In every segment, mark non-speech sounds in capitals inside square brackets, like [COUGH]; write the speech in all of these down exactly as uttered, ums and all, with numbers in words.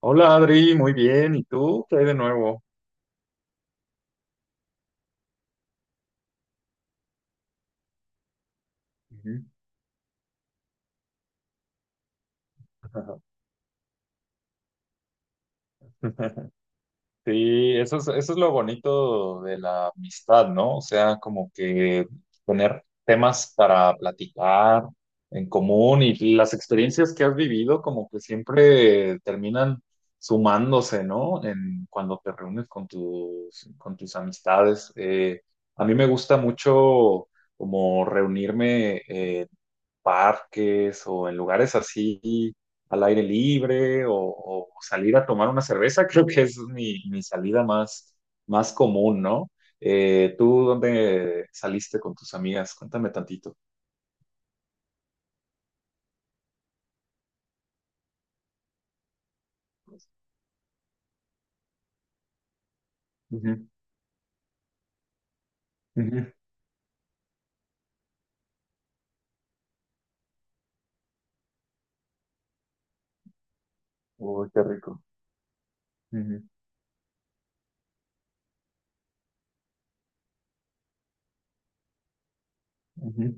Hola Adri, muy bien. ¿Y tú? ¿Qué hay de nuevo? Ujú. Ajá. [LAUGHS] Sí, eso es, eso es lo bonito de la amistad, ¿no? O sea, como que tener temas para platicar en común y las experiencias que has vivido como que siempre terminan sumándose, ¿no? En cuando te reúnes con tus, con tus amistades. Eh, a mí me gusta mucho como reunirme eh, parques o en lugares así al aire libre o, o salir a tomar una cerveza, [LAUGHS] creo que esa es mi, mi salida más, más común, ¿no? Eh, ¿tú dónde saliste con tus amigas? Cuéntame tantito. Ujú, ujú. Uy, qué rico. Ujú, ujú.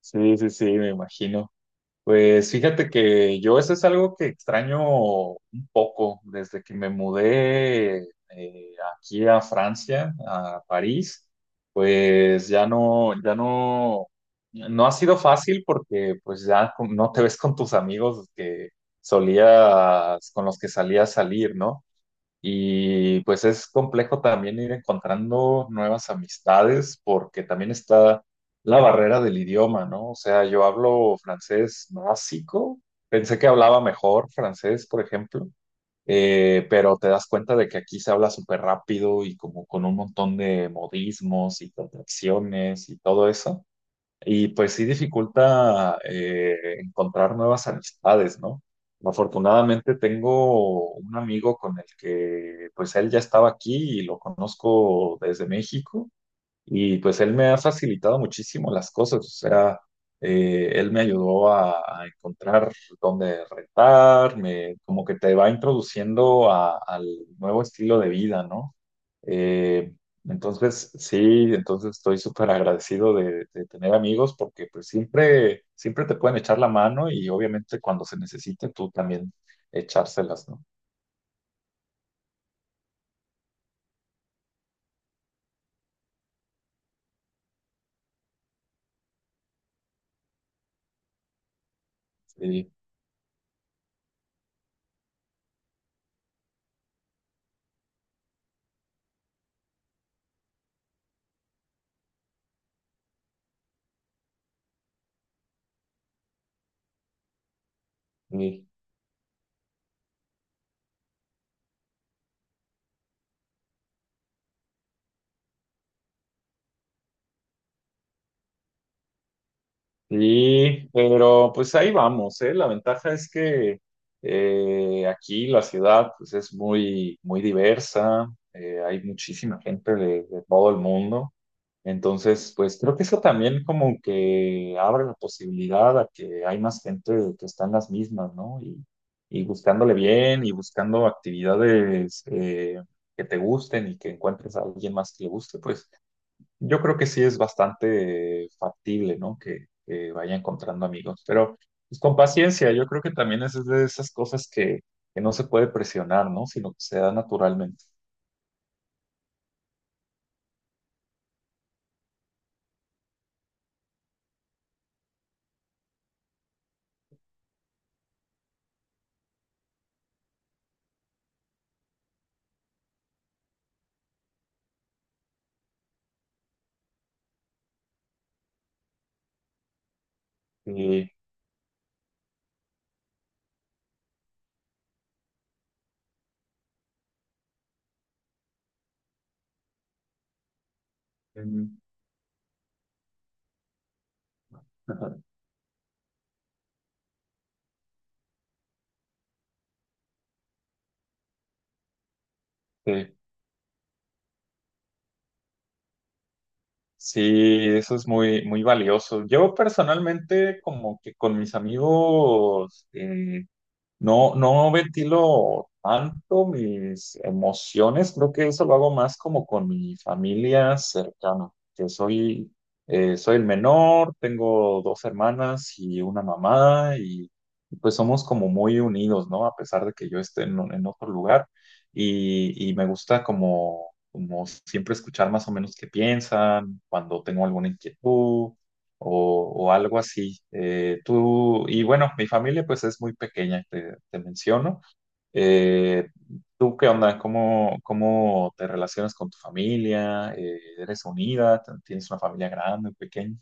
Sí, sí, sí, me imagino. Pues fíjate que yo eso es algo que extraño un poco desde que me mudé eh, aquí a Francia, a París, pues ya no, ya no, no ha sido fácil porque pues ya con- no te ves con tus amigos que solías, con los que salías a salir, ¿no? Y pues es complejo también ir encontrando nuevas amistades porque también está la barrera del idioma, ¿no? O sea, yo hablo francés básico, pensé que hablaba mejor francés, por ejemplo, eh, pero te das cuenta de que aquí se habla súper rápido y como con un montón de modismos y contracciones y todo eso. Y pues sí dificulta eh, encontrar nuevas amistades, ¿no? Afortunadamente tengo un amigo con el que pues él ya estaba aquí y lo conozco desde México y pues él me ha facilitado muchísimo las cosas, o sea, eh, él me ayudó a, a encontrar dónde rentar, me, como que te va introduciendo a- al nuevo estilo de vida, ¿no? Eh, entonces, sí, entonces estoy súper agradecido de, de tener amigos porque pues siempre, siempre te pueden echar la mano y obviamente cuando se necesite tú también echárselas, ¿no? Sí, sí. Sí, pero pues ahí vamos, ¿eh? La ventaja es que eh, aquí la ciudad pues es muy, muy diversa, eh, hay muchísima gente de, de todo el mundo, entonces pues creo que eso también como que abre la posibilidad a que hay más gente que está en las mismas, ¿no? Y, y buscándole bien y buscando actividades eh, que te gusten y que encuentres a alguien más que le guste, pues. Yo creo que sí es bastante factible, ¿no? Que, que vaya encontrando amigos, pero pues, con paciencia, yo creo que también es de esas cosas que, que no se puede presionar, ¿no? Sino que se da naturalmente. Y, mm, ajá, sí, sí, eso es muy, muy valioso. Yo personalmente, como que con mis amigos, eh, no, no ventilo tanto mis emociones, creo que eso lo hago más como con mi familia cercana, que soy, eh, soy el menor, tengo dos hermanas y una mamá y pues somos como muy unidos, ¿no? A pesar de que yo esté en, en otro lugar y, y me gusta como, como siempre escuchar más o menos qué piensan, cuando tengo alguna inquietud o, o algo así. Eh, tú, y bueno, mi familia pues es muy pequeña, te, te menciono. Eh, ¿Tú qué onda? ¿Cómo, cómo te relacionas con tu familia? Eh, ¿eres unida? ¿Tienes una familia grande, pequeña?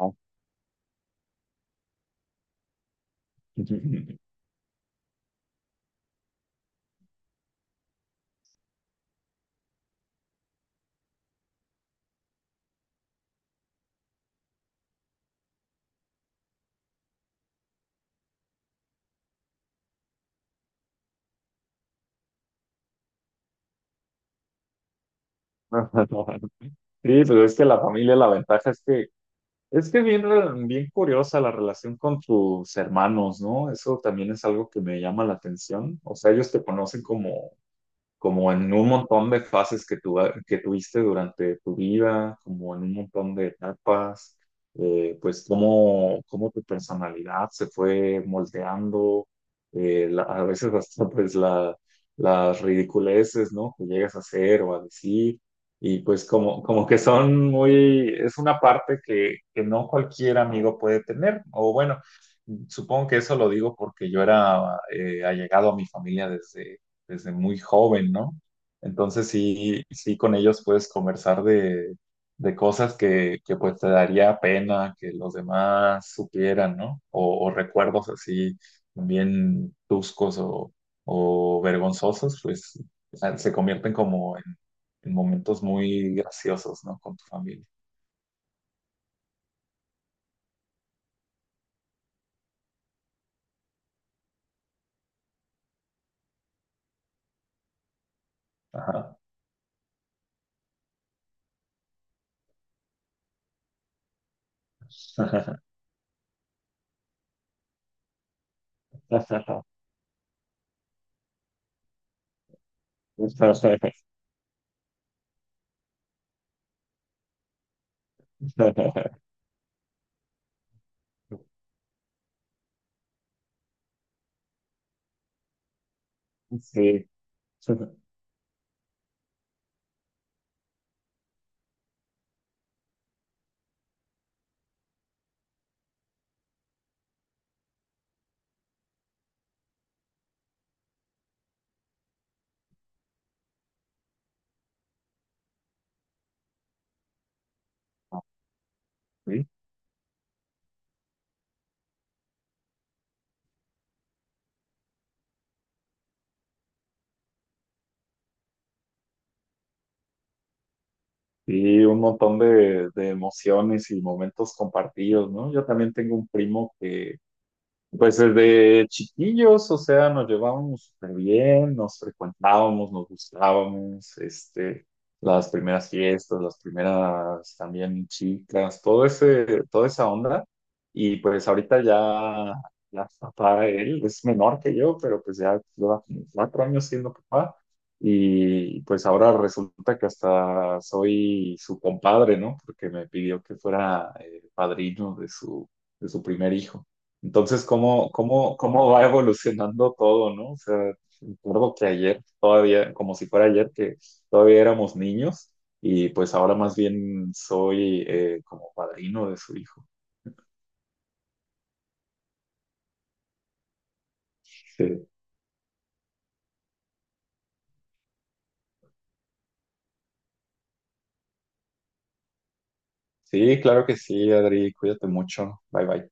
No. [LAUGHS] Sí, pero es que la familia, la ventaja es que es que bien, re- bien curiosa la relación con tus hermanos, ¿no? Eso también es algo que me llama la atención. O sea, ellos te conocen como como en un montón de fases que, tu, que tuviste durante tu vida, como en un montón de etapas, eh, pues cómo, cómo tu personalidad se fue moldeando, eh, la- a veces hasta [LAUGHS] pues la, las ridiculeces, ¿no? Que llegas a hacer o a decir, y pues como, como que son muy, es una parte que, que no cualquier amigo puede tener, o bueno, supongo que eso lo digo porque yo era eh, allegado a mi familia desde desde muy joven, ¿no? Entonces sí, sí con ellos puedes conversar de, de cosas que, que pues te daría pena que los demás supieran, ¿no? O, o recuerdos así bien tuscos o, o vergonzosos, pues a- se convierten como en, en momentos muy graciosos, ¿no? Con tu familia. Ajá. [LAUGHS] Sí. Sí. Y un montón de, de emociones y momentos compartidos, ¿no? Yo también tengo un primo que, pues desde chiquillos, o sea, nos llevábamos súper bien, nos frecuentábamos, nos gustábamos, este, las primeras fiestas, las primeras también chicas, todo ese, toda esa onda. Y pues ahorita ya, ya papá, él es menor que yo, pero pues ya lleva como cuatro años siendo papá. Y pues ahora resulta que hasta soy su compadre, ¿no? Porque me pidió que fuera eh, padrino de su, de su primer hijo. Entonces, ¿cómo, cómo, cómo va evolucionando todo, ¿no? O sea, recuerdo que ayer, todavía, como si fuera ayer, que todavía éramos niños y pues ahora más bien soy eh, como padrino de su hijo. Sí. Sí, claro que sí, Adri, cuídate mucho. Bye bye.